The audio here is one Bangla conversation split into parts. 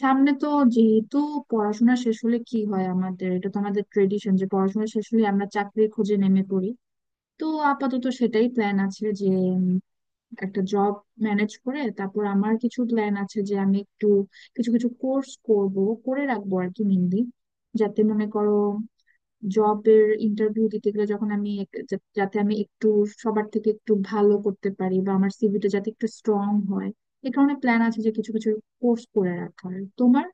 সামনে তো যেহেতু পড়াশোনা শেষ হলে কি হয় আমাদের, এটা তো আমাদের ট্রেডিশন যে পড়াশোনা শেষ হলে আমরা চাকরির খোঁজে নেমে পড়ি। তো আপাতত সেটাই প্ল্যান আছে যে উম, একটা জব ম্যানেজ করে তারপর আমার কিছু প্ল্যান আছে যে আমি একটু কিছু কিছু কোর্স করব, করে রাখবো আর কি, মেনলি যাতে মনে করো জবের ইন্টারভিউ দিতে গেলে যখন আমি যাতে আমি একটু সবার থেকে একটু ভালো করতে পারি বা আমার সিভিটা যাতে একটু স্ট্রং হয়। এ কারণে প্ল্যান আছে যে কিছু কিছু কোর্স করে রাখার। তোমার?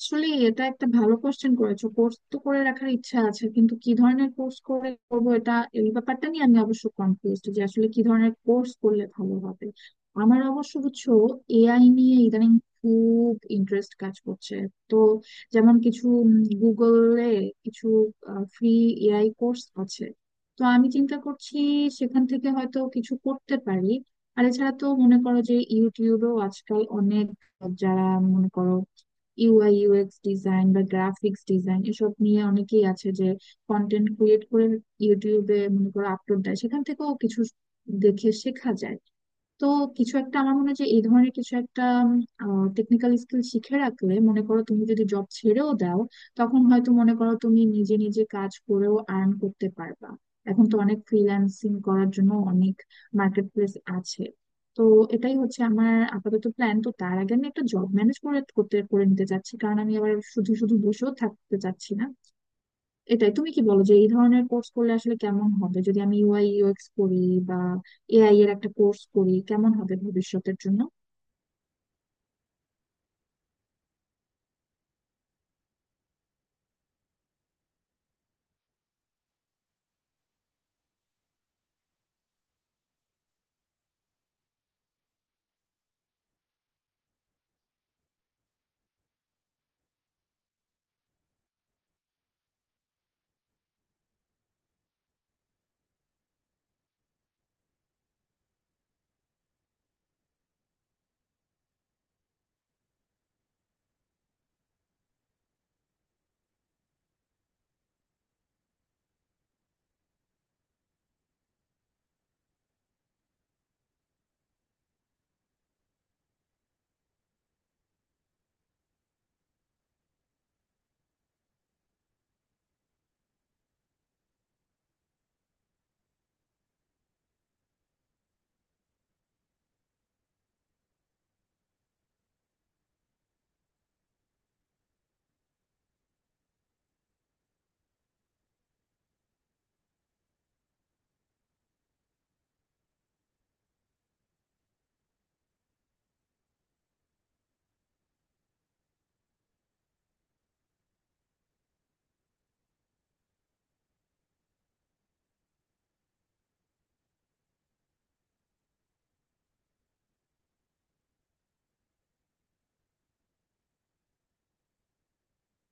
আসলে এটা একটা ভালো কোশ্চেন করেছো। কোর্স তো করে রাখার ইচ্ছা আছে কিন্তু কি ধরনের কোর্স করে করবো, এটা এই ব্যাপারটা নিয়ে আমি অবশ্য কনফিউজড যে আসলে কি ধরনের কোর্স করলে ভালো হবে। আমার অবশ্য বুঝছো, এআই নিয়ে ইদানিং খুব ইন্টারেস্ট কাজ করছে। তো যেমন কিছু গুগলে কিছু ফ্রি এআই কোর্স আছে। তো আমি চিন্তা করছি সেখান থেকে হয়তো কিছু করতে পারি। আর এছাড়া তো মনে করো যে ইউটিউবেও আজকাল অনেক যারা মনে করো ইউআই ইউএক্স ডিজাইন বা গ্রাফিক্স ডিজাইন এসব নিয়ে অনেকেই আছে যে কন্টেন্ট ক্রিয়েট করে ইউটিউবে মনে করো আপলোড দেয়, সেখান থেকেও কিছু দেখে শেখা যায়। তো কিছু একটা, আমার মনে হয় যে এই ধরনের কিছু একটা টেকনিক্যাল স্কিল শিখে রাখলে মনে করো তুমি যদি জব ছেড়েও দাও তখন হয়তো মনে করো তুমি নিজে নিজে কাজ করেও আর্ন করতে পারবা। এখন তো অনেক ফ্রিল্যান্সিং করার জন্য অনেক মার্কেট প্লেস আছে। তো এটাই হচ্ছে আমার আপাতত প্ল্যান। তো তার আগে আমি একটা জব ম্যানেজ করে নিতে চাচ্ছি কারণ আমি আবার শুধু শুধু বসেও থাকতে চাচ্ছি না। এটাই। তুমি কি বলো যে এই ধরনের কোর্স করলে আসলে কেমন হবে? যদি আমি ইউআই ইউএক্স করি বা এআই এর একটা কোর্স করি কেমন হবে ভবিষ্যতের জন্য?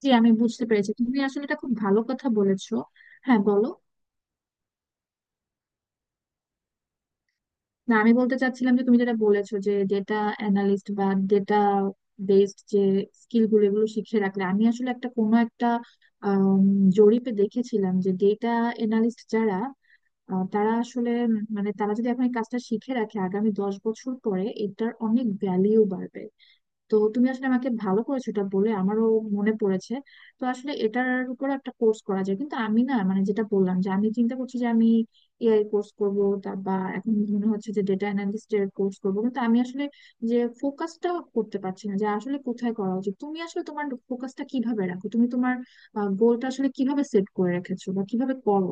জি আমি বুঝতে পেরেছি, তুমি আসলে এটা খুব ভালো কথা বলেছো। হ্যাঁ বলো। না আমি বলতে চাচ্ছিলাম যে তুমি যেটা বলেছো যে ডেটা অ্যানালিস্ট বা ডেটা বেসড যে স্কিল গুলো এগুলো শিখে রাখলে, আমি আসলে একটা কোনো একটা আম, জরিপে দেখেছিলাম যে ডেটা অ্যানালিস্ট যারা, তারা আসলে মানে তারা যদি এখন এই কাজটা শিখে রাখে আগামী 10 বছর পরে এটার অনেক ভ্যালিউ বাড়বে। তো তুমি আসলে আমাকে ভালো করেছো এটা বলে, আমারও মনে পড়েছে। তো আসলে এটার উপর একটা কোর্স করা যায় কিন্তু আমি, না মানে, যেটা বললাম যে আমি চিন্তা করছি যে আমি এআই কোর্স করব তা, বা এখন মনে হচ্ছে যে ডেটা অ্যানালিস্ট এর কোর্স করবো, কিন্তু আমি আসলে যে ফোকাসটা করতে পারছি না যে আসলে কোথায় করা উচিত। তুমি আসলে তোমার ফোকাসটা কিভাবে রাখো? তুমি তোমার গোলটা আসলে কিভাবে সেট করে রেখেছো বা কিভাবে করো?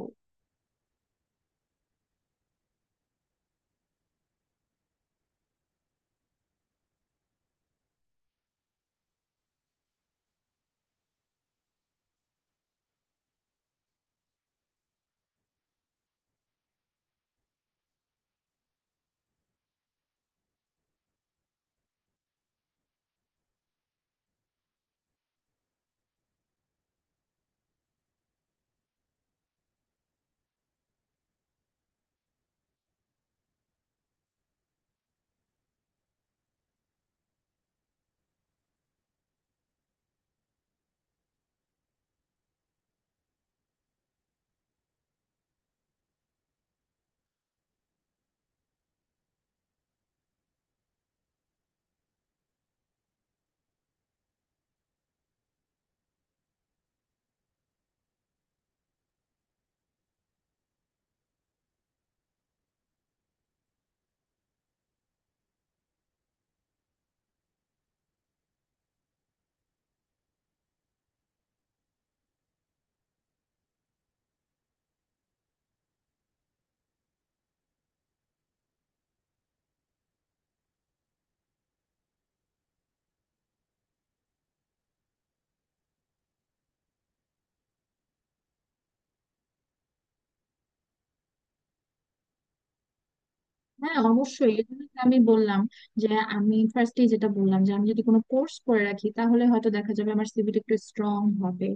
হ্যাঁ অবশ্যই, এই জন্যই তো আমি বললাম যে আমি ফার্স্টে যেটা বললাম, যে আমি যদি কোনো কোর্স করে রাখি তাহলে হয়তো দেখা যাবে আমার সিভিটা একটু স্ট্রং হবে।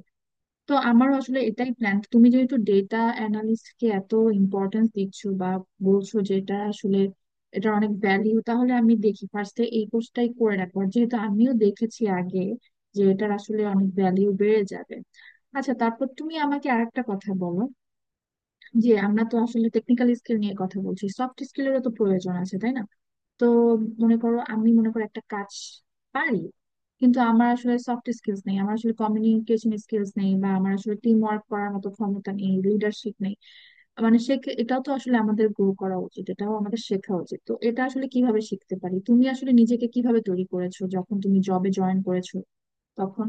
তো আমারও আসলে এটাই প্ল্যান। তুমি যেহেতু ডেটা অ্যানালিস্ট কে এত ইম্পর্টেন্স দিচ্ছ বা বলছো যে এটা আসলে, এটা অনেক ভ্যালিউ, তাহলে আমি দেখি ফার্স্টে এই কোর্সটাই করে রাখবো আর যেহেতু আমিও দেখেছি আগে যে এটার আসলে অনেক ভ্যালিউ বেড়ে যাবে। আচ্ছা, তারপর তুমি আমাকে আরেকটা কথা বলো। যে আমরা তো আসলে টেকনিক্যাল স্কিল নিয়ে কথা বলছি, সফট স্কিলেরও তো প্রয়োজন আছে তাই না? তো মনে করো আমি মনে করো একটা কাজ পারি কিন্তু আমার আসলে সফট স্কিলস নেই, আমার আসলে কমিউনিকেশন স্কিলস নেই, বা আমার আসলে টিম ওয়ার্ক করার মতো ক্ষমতা নেই, লিডারশিপ নেই। মানে শেখে, এটাও তো আসলে আমাদের গ্রো করা উচিত, এটাও আমাদের শেখা উচিত। তো এটা আসলে কিভাবে শিখতে পারি? তুমি আসলে নিজেকে কিভাবে তৈরি করেছো যখন তুমি জবে জয়েন করেছো তখন?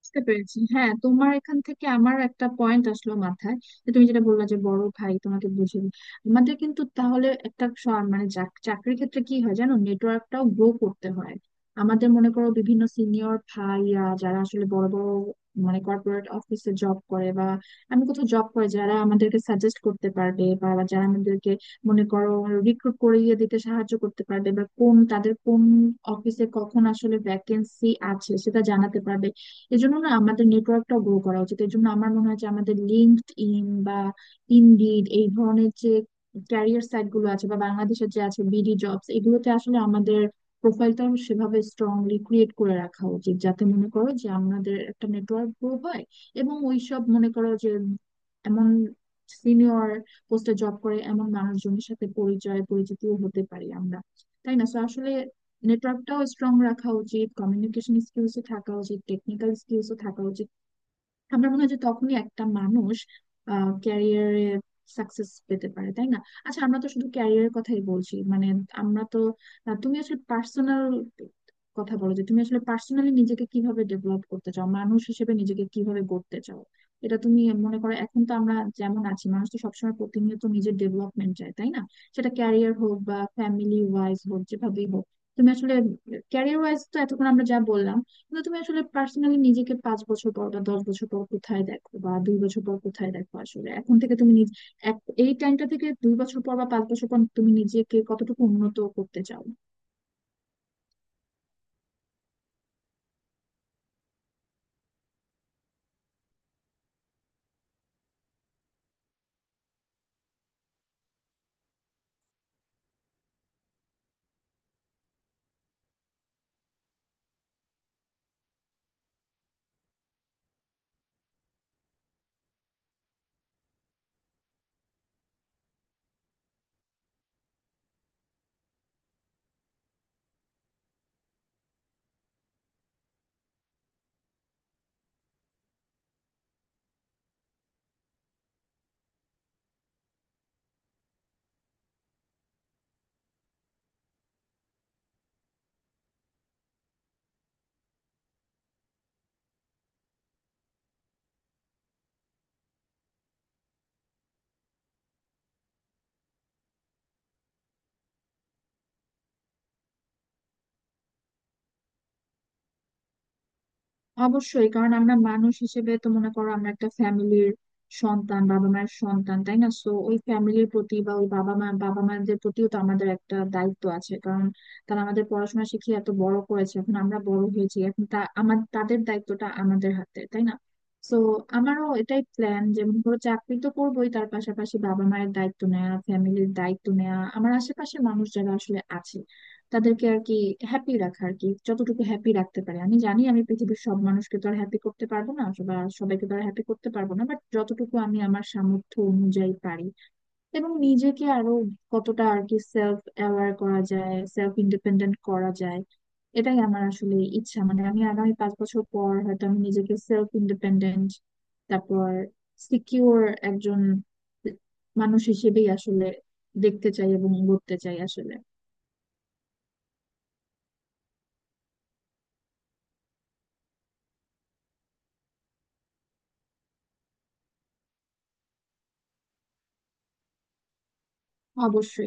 বুঝতে পেরেছি, হ্যাঁ। তোমার এখান থেকে আমার একটা পয়েন্ট আসলো মাথায়, যে তুমি যেটা বললা যে বড় ভাই তোমাকে বুঝিয়ে দিবে। আমাদের কিন্তু তাহলে একটা মানে চাকরির ক্ষেত্রে কি হয় জানো, নেটওয়ার্কটাও গ্রো করতে হয়। আমাদের মনে করো বিভিন্ন সিনিয়র ভাইয়া যারা আসলে বড় বড় মানে কর্পোরেট অফিসে জব করে বা আমি কোথাও জব করে, যারা আমাদেরকে সাজেস্ট করতে পারবে বা যারা আমাদেরকে মনে করো রিক্রুট করিয়ে দিতে সাহায্য করতে পারবে, বা কোন, তাদের কোন অফিসে কখন আসলে ভ্যাকেন্সি আছে সেটা জানাতে পারবে। এজন্য না আমাদের নেটওয়ার্কটা গ্রো করা উচিত, এই জন্য আমার মনে হয় যে আমাদের লিঙ্কড ইন বা ইনডিড এই ধরনের যে ক্যারিয়ার সাইট গুলো আছে, বা বাংলাদেশের যে আছে বিডি জবস, এগুলোতে আসলে আমাদের প্রোফাইলটা সেভাবে স্ট্রংলি ক্রিয়েট করে রাখা উচিত যাতে মনে করো যে আমাদের একটা নেটওয়ার্ক গ্রো হয় এবং ওইসব মনে করো যে এমন সিনিয়র পোস্টে জব করে এমন মানুষজনের সাথে পরিচয় পরিচিতিও হতে পারি আমরা, তাই না। সো আসলে নেটওয়ার্কটাও স্ট্রং রাখা উচিত, কমিউনিকেশন স্কিলসও থাকা উচিত, টেকনিক্যাল স্কিলসও থাকা উচিত। আমার মনে হয় যে তখনই একটা মানুষ ক্যারিয়ারে সাকসেস পেতে পারে, তাই না? আচ্ছা, আমরা তো শুধু ক্যারিয়ারের কথাই বলছি মানে আমরা তো, তুমি আসলে পার্সোনাল কথা বলো যে তুমি আসলে পার্সোনালি নিজেকে কিভাবে ডেভেলপ করতে চাও, মানুষ হিসেবে নিজেকে কিভাবে গড়তে চাও। এটা তুমি মনে করো, এখন তো আমরা যেমন আছি মানুষ তো সবসময় প্রতিনিয়ত নিজের ডেভেলপমেন্ট চায়, তাই না। সেটা ক্যারিয়ার হোক বা ফ্যামিলি ওয়াইজ হোক, যেভাবেই হোক। তুমি আসলে ক্যারিয়ার ওয়াইজ তো এতক্ষণ আমরা যা বললাম, কিন্তু তুমি আসলে পার্সোনালি নিজেকে 5 বছর পর বা 10 বছর পর কোথায় দেখো, বা 2 বছর পর কোথায় দেখো আসলে এখন থেকে? তুমি এই টাইমটা থেকে 2 বছর পর বা 5 বছর পর তুমি নিজেকে কতটুকু উন্নত করতে চাও? অবশ্যই। কারণ আমরা মানুষ হিসেবে তো মনে করো আমরা একটা ফ্যামিলির সন্তান, বাবা মায়ের সন্তান, তাই না। সো ওই ফ্যামিলির প্রতি বা ওই বাবা মাদের প্রতিও তো আমাদের একটা দায়িত্ব আছে কারণ তারা আমাদের পড়াশোনা শিখিয়ে এত বড় করেছে, এখন আমরা বড় হয়েছি, এখন তা আমার তাদের দায়িত্বটা আমাদের হাতে, তাই না। তো আমারও এটাই প্ল্যান যে মনে করো চাকরি তো করবোই, তার পাশাপাশি বাবা মায়ের দায়িত্ব নেওয়া, ফ্যামিলির দায়িত্ব নেওয়া, আমার আশেপাশে মানুষ যারা আসলে আছে তাদেরকে আর কি হ্যাপি রাখা আর কি, যতটুকু হ্যাপি রাখতে পারে। আমি জানি আমি পৃথিবীর সব মানুষকে তো আর হ্যাপি করতে পারবো না বা সবাইকে তো আর হ্যাপি করতে পারবো না, বাট যতটুকু আমি আমার সামর্থ্য অনুযায়ী পারি। এবং নিজেকে আরো কতটা আর কি সেলফ অ্যাওয়ার করা যায়, সেলফ ইন্ডিপেন্ডেন্ট করা যায়, এটাই আমার আসলে ইচ্ছা। মানে আমি আগামী 5 বছর পর হয়তো আমি নিজেকে সেলফ ইন্ডিপেন্ডেন্ট, তারপর সিকিউর, একজন মানুষ হিসেবেই আসলে দেখতে চাই এবং গড়তে চাই আসলে। অবশ্যই।